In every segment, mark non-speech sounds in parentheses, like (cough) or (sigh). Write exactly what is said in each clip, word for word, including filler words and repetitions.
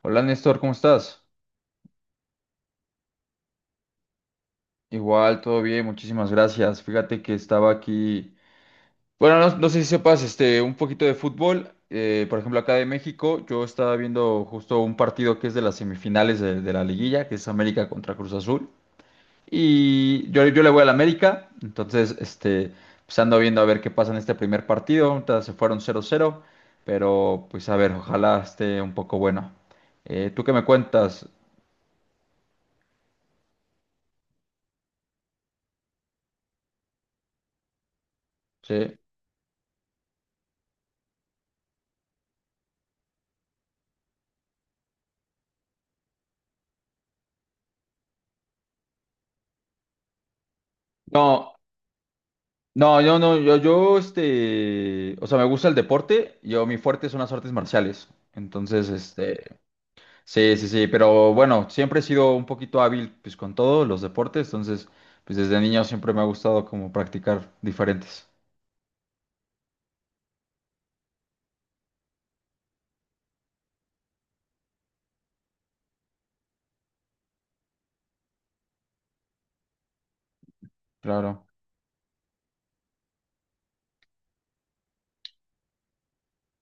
Hola Néstor, ¿cómo estás? Igual, todo bien, muchísimas gracias. Fíjate que estaba aquí. Bueno, no, no sé si sepas, este, un poquito de fútbol. Eh, por ejemplo, acá de México, yo estaba viendo justo un partido que es de las semifinales de, de la liguilla, que es América contra Cruz Azul. Y yo, yo le voy al América, entonces, este, pues ando viendo a ver qué pasa en este primer partido. Ahorita se fueron cero cero, pero pues a ver, ojalá esté un poco bueno. Eh, ¿tú qué me cuentas? Sí. No. No, yo no, yo, yo, este, o sea, me gusta el deporte, yo, mi fuerte son las artes marciales, entonces, este, sí, sí, sí, pero bueno, siempre he sido un poquito hábil, pues, con todos los deportes, entonces, pues, desde niño siempre me ha gustado como practicar diferentes, claro.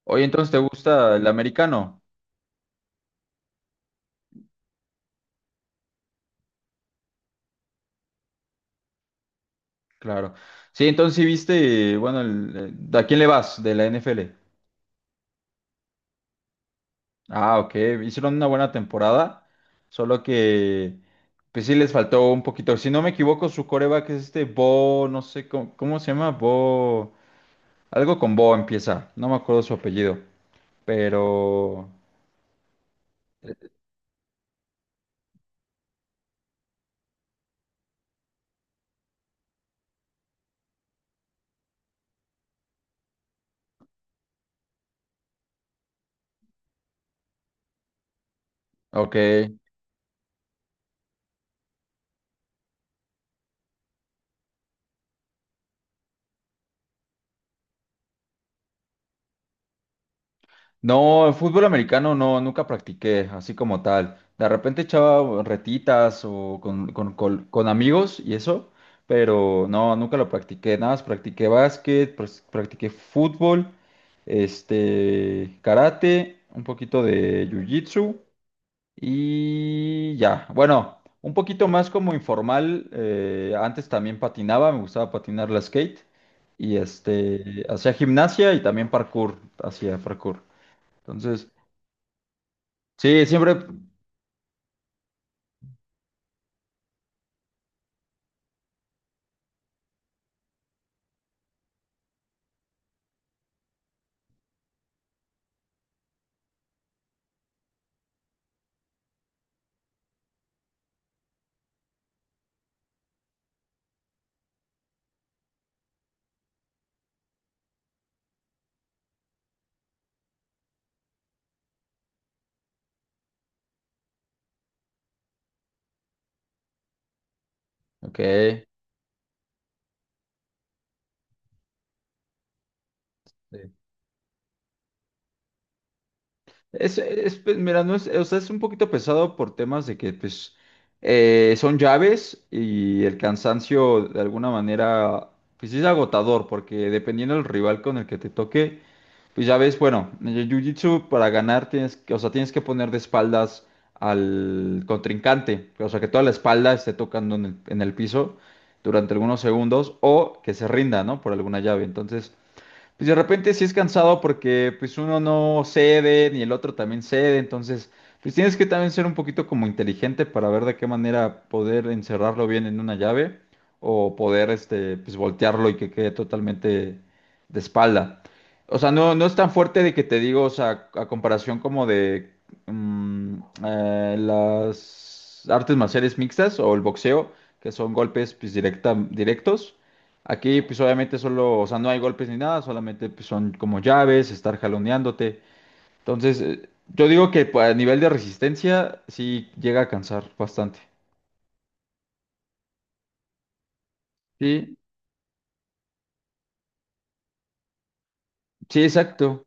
Oye, entonces, ¿te gusta el americano? Claro. Sí, entonces, sí viste, bueno, el- eh, ¿a quién le vas de la N F L? Ah, ok. Hicieron una buena temporada, solo que pues sí les faltó un poquito. Si no me equivoco, su coreback es este Bo, no sé cómo, cómo se llama, Bo, algo con Bo empieza, no me acuerdo su apellido, pero ok. No, fútbol americano no, nunca practiqué así como tal. De repente echaba retitas o con, con- con- con amigos y eso, pero no, nunca lo practiqué. Nada más practiqué básquet, pras- practiqué fútbol, este, karate, un poquito de jiu-jitsu y ya. Bueno, un poquito más como informal. Eh, antes también patinaba, me gustaba patinar la skate y este, hacía gimnasia y también parkour, hacía parkour. Entonces… Sí, siempre. Ok. Sí. Es, es, pues, mira, no es, o sea, es un poquito pesado por temas de que, pues, eh, son llaves y el cansancio de alguna manera, pues sí es agotador, porque dependiendo del rival con el que te toque, pues ya ves, bueno, en el Jiu-Jitsu para ganar tienes que, o sea, tienes que poner de espaldas al contrincante, o sea, que toda la espalda esté tocando en el, en el piso durante algunos segundos o que se rinda, ¿no? Por alguna llave. Entonces, pues de repente sí es cansado porque pues uno no cede ni el otro también cede, entonces pues tienes que también ser un poquito como inteligente para ver de qué manera poder encerrarlo bien en una llave o poder este pues voltearlo y que quede totalmente de espalda. O sea, no, no es tan fuerte de que te digo, o sea, a comparación como de mm, eh, las artes marciales mixtas o el boxeo, que son golpes pues, directa- directos. Aquí, pues obviamente solo, o sea, no hay golpes ni nada, solamente pues, son como llaves, estar jaloneándote. Entonces, eh, yo digo que pues, a nivel de resistencia sí llega a cansar bastante. Sí, sí, exacto.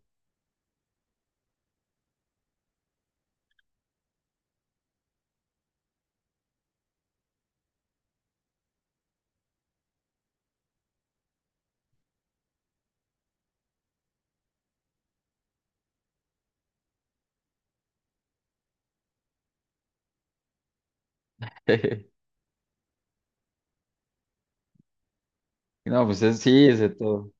(laughs) No, pues es- sí, es de todo.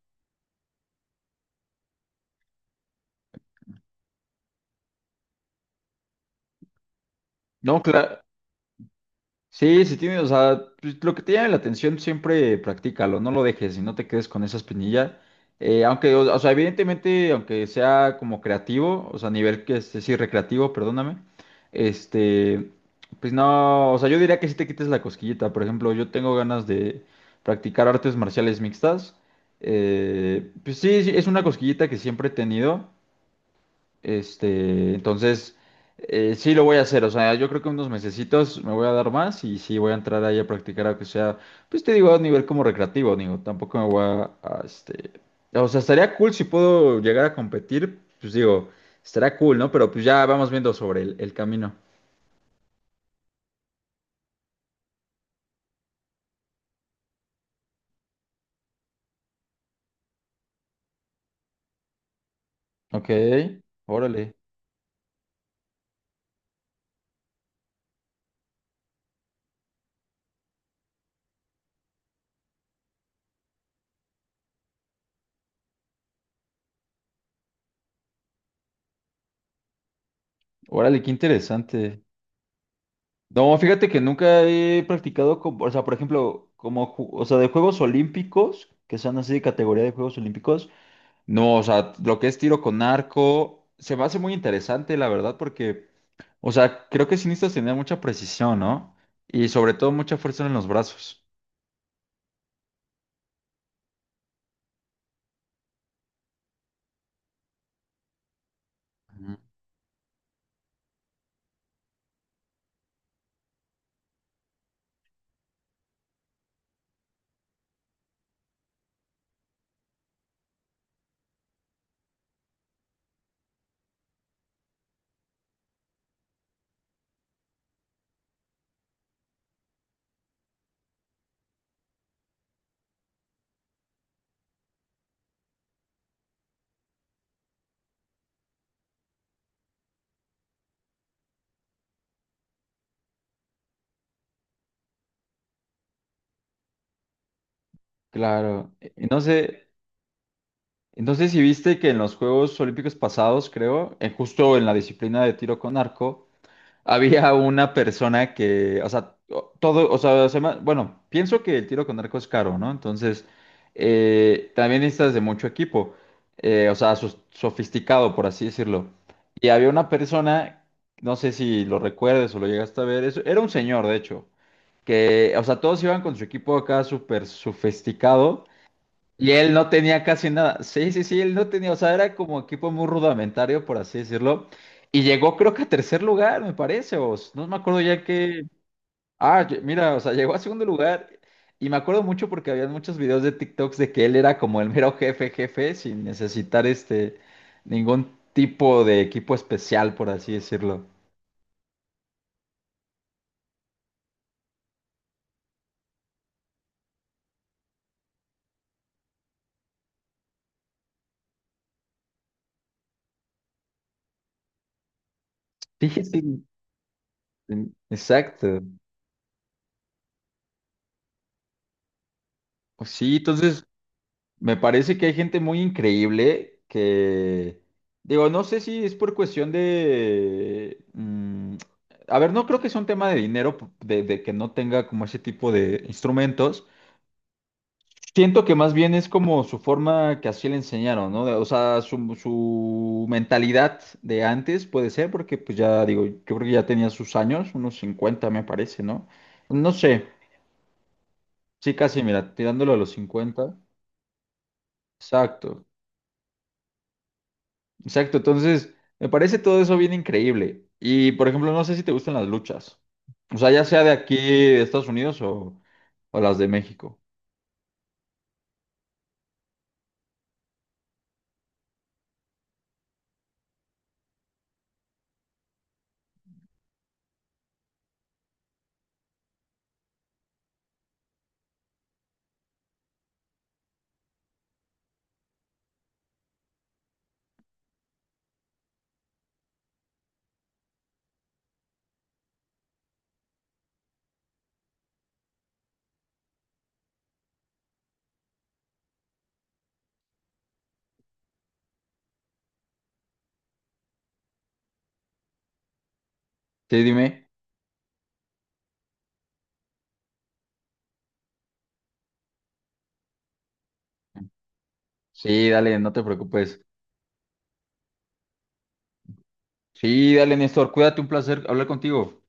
No, claro. Sí, si tienes, o sea, pues, lo que te llame la atención, siempre practícalo, no lo dejes y no te quedes con esa espinilla. Eh, aunque, o, o sea, evidentemente, aunque sea como creativo, o sea, a nivel que este, sí, recreativo, perdóname, este, pues no, o sea, yo diría que sí te quites la cosquillita. Por ejemplo, yo tengo ganas de practicar artes marciales mixtas. Eh, pues sí, sí, es una cosquillita que siempre he tenido. Este, entonces, eh, sí lo voy a hacer. O sea, yo creo que unos mesecitos me voy a dar más y sí voy a entrar ahí a practicar, aunque sea, pues te digo, a nivel como recreativo, digo, tampoco me voy a, a, este, o sea, estaría cool si puedo llegar a competir, pues digo, estaría cool, ¿no? Pero pues ya vamos viendo sobre el, el camino. Ok, órale, órale, qué interesante. No, fíjate que nunca he practicado, co- o sea, por ejemplo, como, ju- o sea, de Juegos Olímpicos, que son así de categoría de Juegos Olímpicos. No, o sea, lo que es tiro con arco, se me hace muy interesante, la verdad, porque, o sea, creo que sí necesitas tener mucha precisión, ¿no? Y sobre todo mucha fuerza en los brazos. Ujú. Claro. Entonces, entonces si viste que en los Juegos Olímpicos pasados, creo, en- justo en la disciplina de tiro con arco, había una persona que, o sea, todo, o sea, se me- bueno, pienso que el tiro con arco es caro, ¿no? Entonces, eh, también necesitas de mucho equipo, eh, o sea, sos- sofisticado, por así decirlo. Y había una persona, no sé si lo recuerdes o lo llegaste a ver, eso, era un señor, de hecho, que, o sea, todos iban con su equipo acá súper sofisticado y él no tenía casi nada. Sí, sí, sí, él no tenía, o sea, era como equipo muy rudimentario, por así decirlo. Y llegó creo que a tercer lugar, me parece, o s- no me acuerdo ya que… Ah, ll- mira, o sea, llegó a segundo lugar. Y me acuerdo mucho porque había muchos videos de TikToks de que él era como el mero jefe, jefe, sin necesitar este ningún tipo de equipo especial, por así decirlo. Sí, sí, sí, exacto. Sí, entonces… Me parece que hay gente muy increíble que, digo, no sé si es por cuestión de… mm, a ver, no creo que sea un tema de dinero, p- de, de que no tenga como ese tipo de instrumentos. Siento que más bien es como su forma que así le enseñaron, ¿no? De- O sea, su, su mentalidad de antes puede ser, porque pues ya digo, yo creo que ya tenía sus años, unos cincuenta me parece, ¿no? No sé, sí, casi, mira, tirándolo a los cincuenta. Exacto. Exacto, entonces me parece todo eso bien increíble. Y por ejemplo, no sé si te gustan las luchas. O sea, ya sea de aquí, de Estados Unidos o, o las de México. Sí, dime. Sí, dale, no te preocupes. Sí, dale, Néstor, cuídate, un placer hablar contigo.